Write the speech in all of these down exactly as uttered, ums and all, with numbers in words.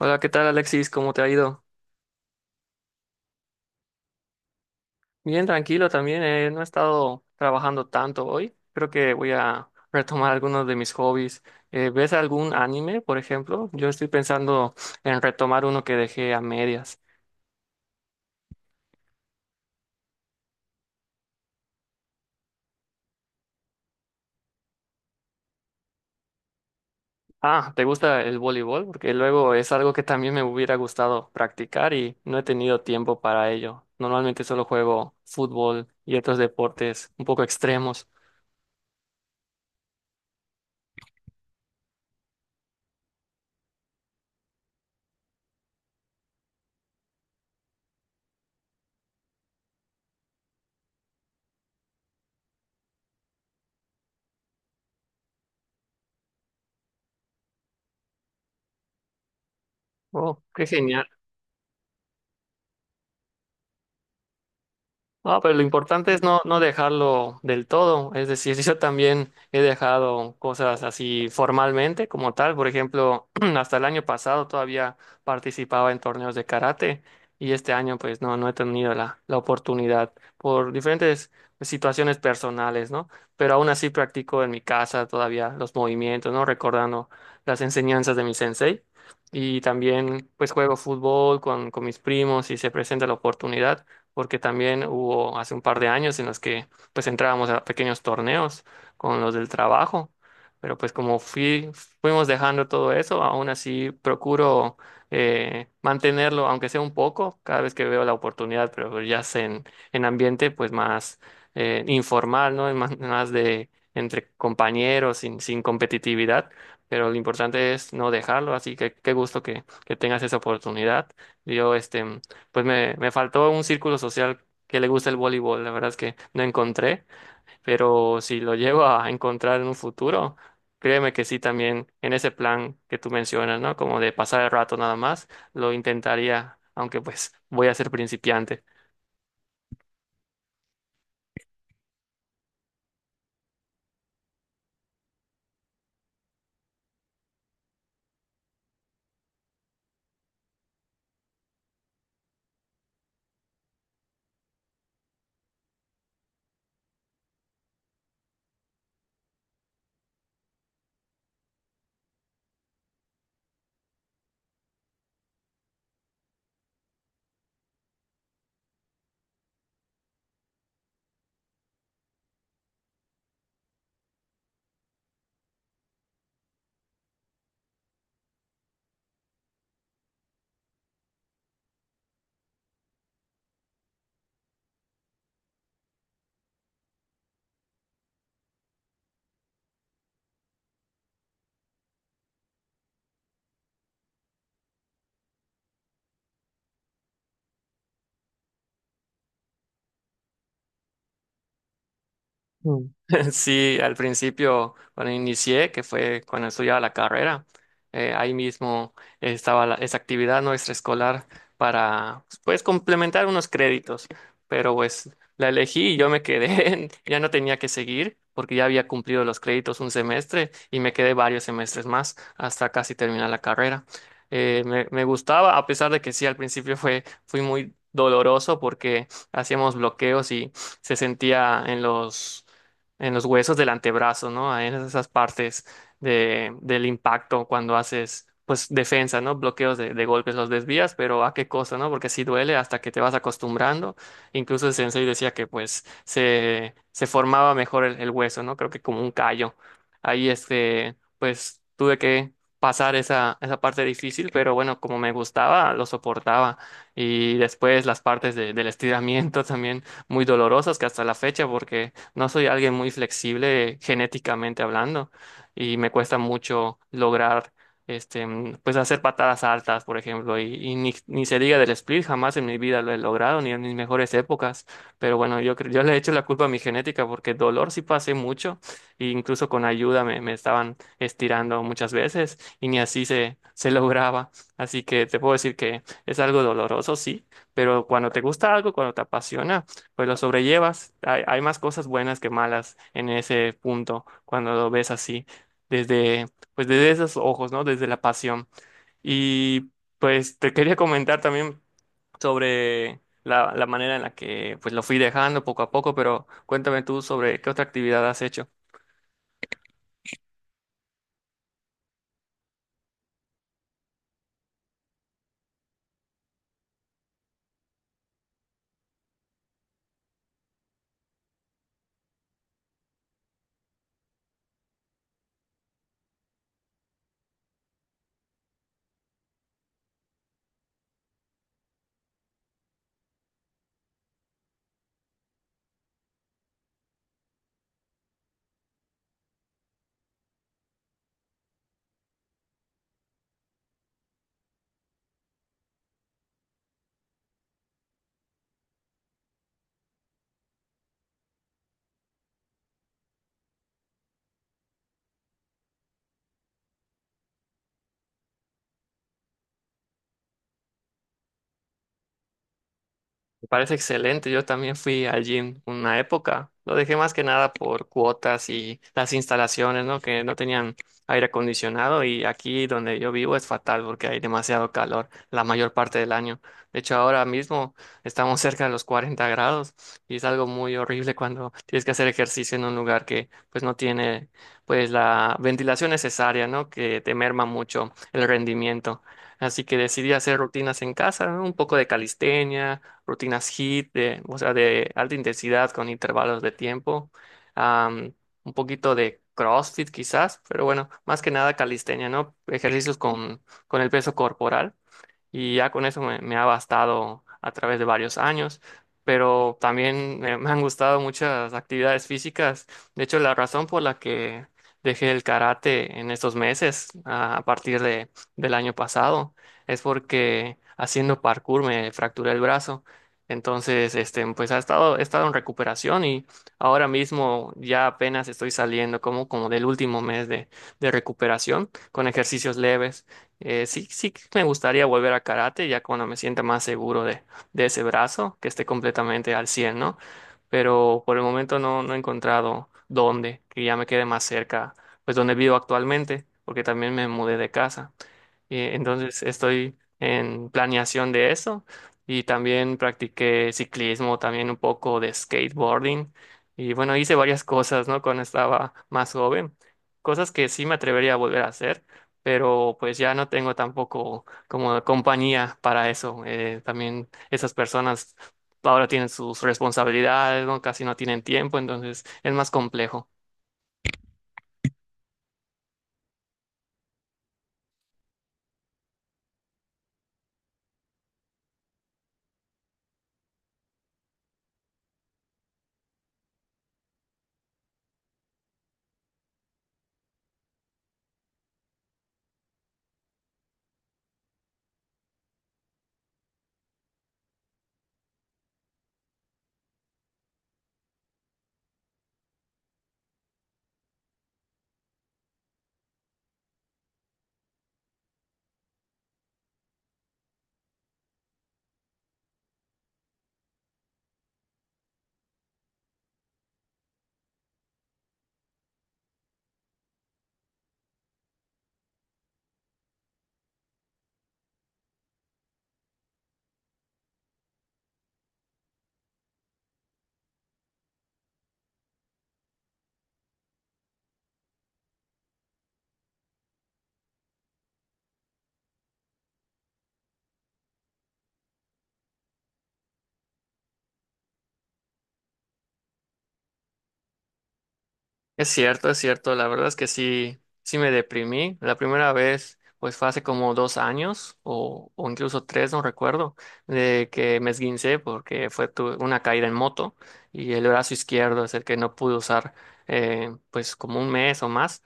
Hola, ¿qué tal, Alexis? ¿Cómo te ha ido? Bien, tranquilo también. eh, No he estado trabajando tanto hoy. Creo que voy a retomar algunos de mis hobbies. Eh, ¿ves algún anime, por ejemplo? Yo estoy pensando en retomar uno que dejé a medias. Ah, ¿te gusta el voleibol? Porque luego es algo que también me hubiera gustado practicar y no he tenido tiempo para ello. Normalmente solo juego fútbol y otros deportes un poco extremos. Oh, qué genial. No, pero lo importante es no, no dejarlo del todo. Es decir, yo también he dejado cosas así formalmente como tal. Por ejemplo, hasta el año pasado todavía participaba en torneos de karate, y este año pues no, no he tenido la, la oportunidad por diferentes situaciones personales, ¿no? Pero aún así practico en mi casa todavía los movimientos, ¿no? Recordando las enseñanzas de mi sensei. Y también pues juego fútbol con, con mis primos si se presenta la oportunidad, porque también hubo hace un par de años en los que pues entrábamos a pequeños torneos con los del trabajo, pero pues como fui, fuimos dejando todo eso. Aún así procuro eh, mantenerlo, aunque sea un poco, cada vez que veo la oportunidad, pero ya sé en, en ambiente pues más eh, informal, ¿no? En Más, más de entre compañeros, sin, sin competitividad. Pero lo importante es no dejarlo, así que qué gusto que, que tengas esa oportunidad. Yo, este, pues me, me faltó un círculo social que le guste el voleibol. La verdad es que no encontré, pero si lo llego a encontrar en un futuro, créeme que sí, también en ese plan que tú mencionas, ¿no? Como de pasar el rato nada más, lo intentaría, aunque pues voy a ser principiante. Mm. Sí, al principio, cuando inicié, que fue cuando estudiaba la carrera, eh, ahí mismo estaba la- esa actividad no extraescolar para, pues, complementar unos créditos, pero pues la elegí y yo me quedé. Ya no tenía que seguir porque ya había cumplido los créditos un semestre, y me quedé varios semestres más hasta casi terminar la carrera. Eh, me, me gustaba, a pesar de que sí, al principio fue, fui muy doloroso porque hacíamos bloqueos y se sentía en los en los huesos del antebrazo, ¿no? Ahí, en esas partes de, del impacto cuando haces, pues, defensa, ¿no? Bloqueos de, de golpes, los desvías, pero ¿a qué cosa, no? Porque sí duele hasta que te vas acostumbrando. Incluso el sensei decía que, pues, se, se formaba mejor el, el hueso, ¿no? Creo que como un callo. Ahí, este, pues, tuve que pasar esa, esa parte difícil, pero bueno, como me gustaba, lo soportaba. Y después las partes de- del estiramiento también muy dolorosas, que hasta la fecha, porque no soy alguien muy flexible genéticamente hablando, y me cuesta mucho lograr, este, mm, pues hacer patadas altas, por ejemplo, y, y ni, ni se diga del split, jamás en mi vida lo he logrado, ni en mis mejores épocas. Pero bueno, yo, cre- yo le he hecho la culpa a mi genética, porque dolor sí pasé mucho, e incluso con ayuda me, me estaban estirando muchas veces y ni así se, se lograba. Así que te puedo decir que es algo doloroso, sí, pero cuando te gusta algo, cuando te apasiona, pues lo sobrellevas. Hay, hay más cosas buenas que malas en ese punto cuando lo ves así, desde, pues desde esos ojos, ¿no? Desde la pasión. Y pues te quería comentar también sobre la, la manera en la que pues lo fui dejando poco a poco, pero cuéntame tú sobre qué otra actividad has hecho. Me parece excelente. Yo también fui al gym una época. Lo dejé más que nada por cuotas y las instalaciones, ¿no? Que no tenían aire acondicionado, y aquí donde yo vivo es fatal porque hay demasiado calor la mayor parte del año. De hecho, ahora mismo estamos cerca de los cuarenta grados, y es algo muy horrible cuando tienes que hacer ejercicio en un lugar que pues no tiene pues la ventilación necesaria, ¿no? Que te merma mucho el rendimiento. Así que decidí hacer rutinas en casa, ¿no? Un poco de calistenia, rutinas HIIT, de, o sea, de alta intensidad con intervalos de tiempo, am, un poquito de CrossFit quizás, pero bueno, más que nada calistenia, ¿no? Ejercicios con, con el peso corporal, y ya con eso me, me ha bastado a través de varios años, pero también me, me han gustado muchas actividades físicas. De hecho, la razón por la que dejé el karate en estos meses, a, a partir de, del año pasado, es porque haciendo parkour me fracturé el brazo. Entonces, este, pues ha estado, he estado en recuperación, y ahora mismo ya apenas estoy saliendo como, como del último mes de, de recuperación con ejercicios leves. Eh, sí, sí, me gustaría volver a karate ya cuando me sienta más seguro de, de ese brazo, que esté completamente al cien, ¿no? Pero por el momento no, no he encontrado dónde, que ya me quede más cerca, pues donde vivo actualmente, porque también me mudé de casa. Eh, entonces estoy en planeación de eso, y también practiqué ciclismo, también un poco de skateboarding, y bueno, hice varias cosas, ¿no? Cuando estaba más joven, cosas que sí me atrevería a volver a hacer, pero pues ya no tengo tampoco como compañía para eso. Eh, también esas personas ahora tienen sus responsabilidades, ¿no? Casi no tienen tiempo, entonces es más complejo. Es cierto, es cierto. La verdad es que sí, sí me deprimí. La primera vez, pues fue hace como dos años o, o incluso tres, no recuerdo, de que me esguincé porque fue tu- una caída en moto, y el brazo izquierdo es el que no pude usar, eh, pues como un mes o más.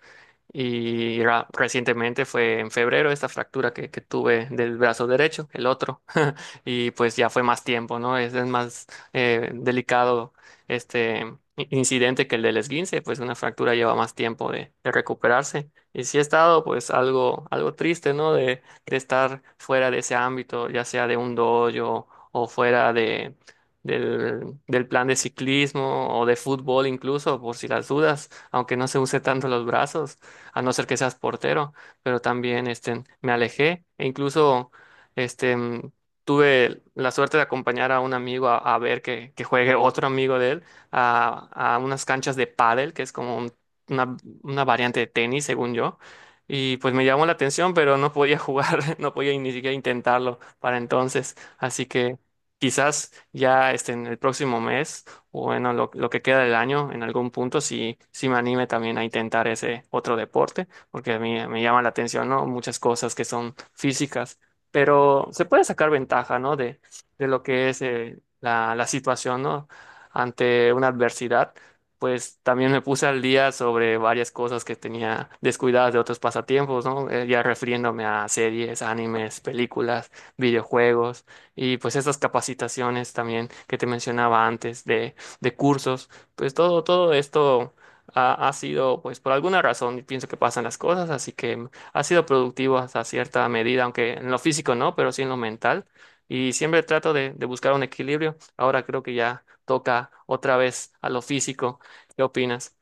Y ra- recientemente fue en febrero esta fractura que, que tuve del brazo derecho, el otro. Y pues ya fue más tiempo, ¿no? Es, es más eh, delicado este i- incidente que el del esguince, pues una fractura lleva más tiempo de, de recuperarse. Y sí he estado pues algo, algo triste, ¿no? De, de estar fuera de ese ámbito, ya sea de un dojo o fuera de, del, del plan de ciclismo o de fútbol incluso, por si las dudas, aunque no se use tanto los brazos, a no ser que seas portero, pero también este, me alejé, e incluso este, mm, tuve la suerte de acompañar a un amigo a, a ver que, que juegue otro amigo de él a, a unas canchas de pádel, que es como un- una, una variante de tenis, según yo. Y pues me llamó la atención, pero no podía jugar. No podía ni siquiera intentarlo para entonces. Así que quizás ya este, en el próximo mes, o bueno, lo, lo que queda del año, en algún punto, sí, sí me anime también a intentar ese otro deporte, porque a mí me llama la atención, ¿no? Muchas cosas que son físicas, pero se puede sacar ventaja, ¿no? De, de lo que es eh, la, la situación, ¿no? Ante una adversidad, pues también me puse al día sobre varias cosas que tenía descuidadas de otros pasatiempos, ¿no? Eh, ya refiriéndome a series, animes, películas, videojuegos, y pues estas capacitaciones también que te mencionaba antes de, de cursos, pues todo, todo esto ha, ha sido, pues por alguna razón, y pienso que pasan las cosas, así que ha sido productivo hasta cierta medida, aunque en lo físico no, pero sí en lo mental. Y siempre trato de, de buscar un equilibrio. Ahora creo que ya toca otra vez a lo físico. ¿Qué opinas?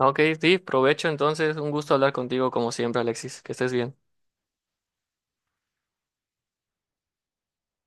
Ok, sí, provecho entonces. Un gusto hablar contigo como siempre, Alexis. Que estés bien.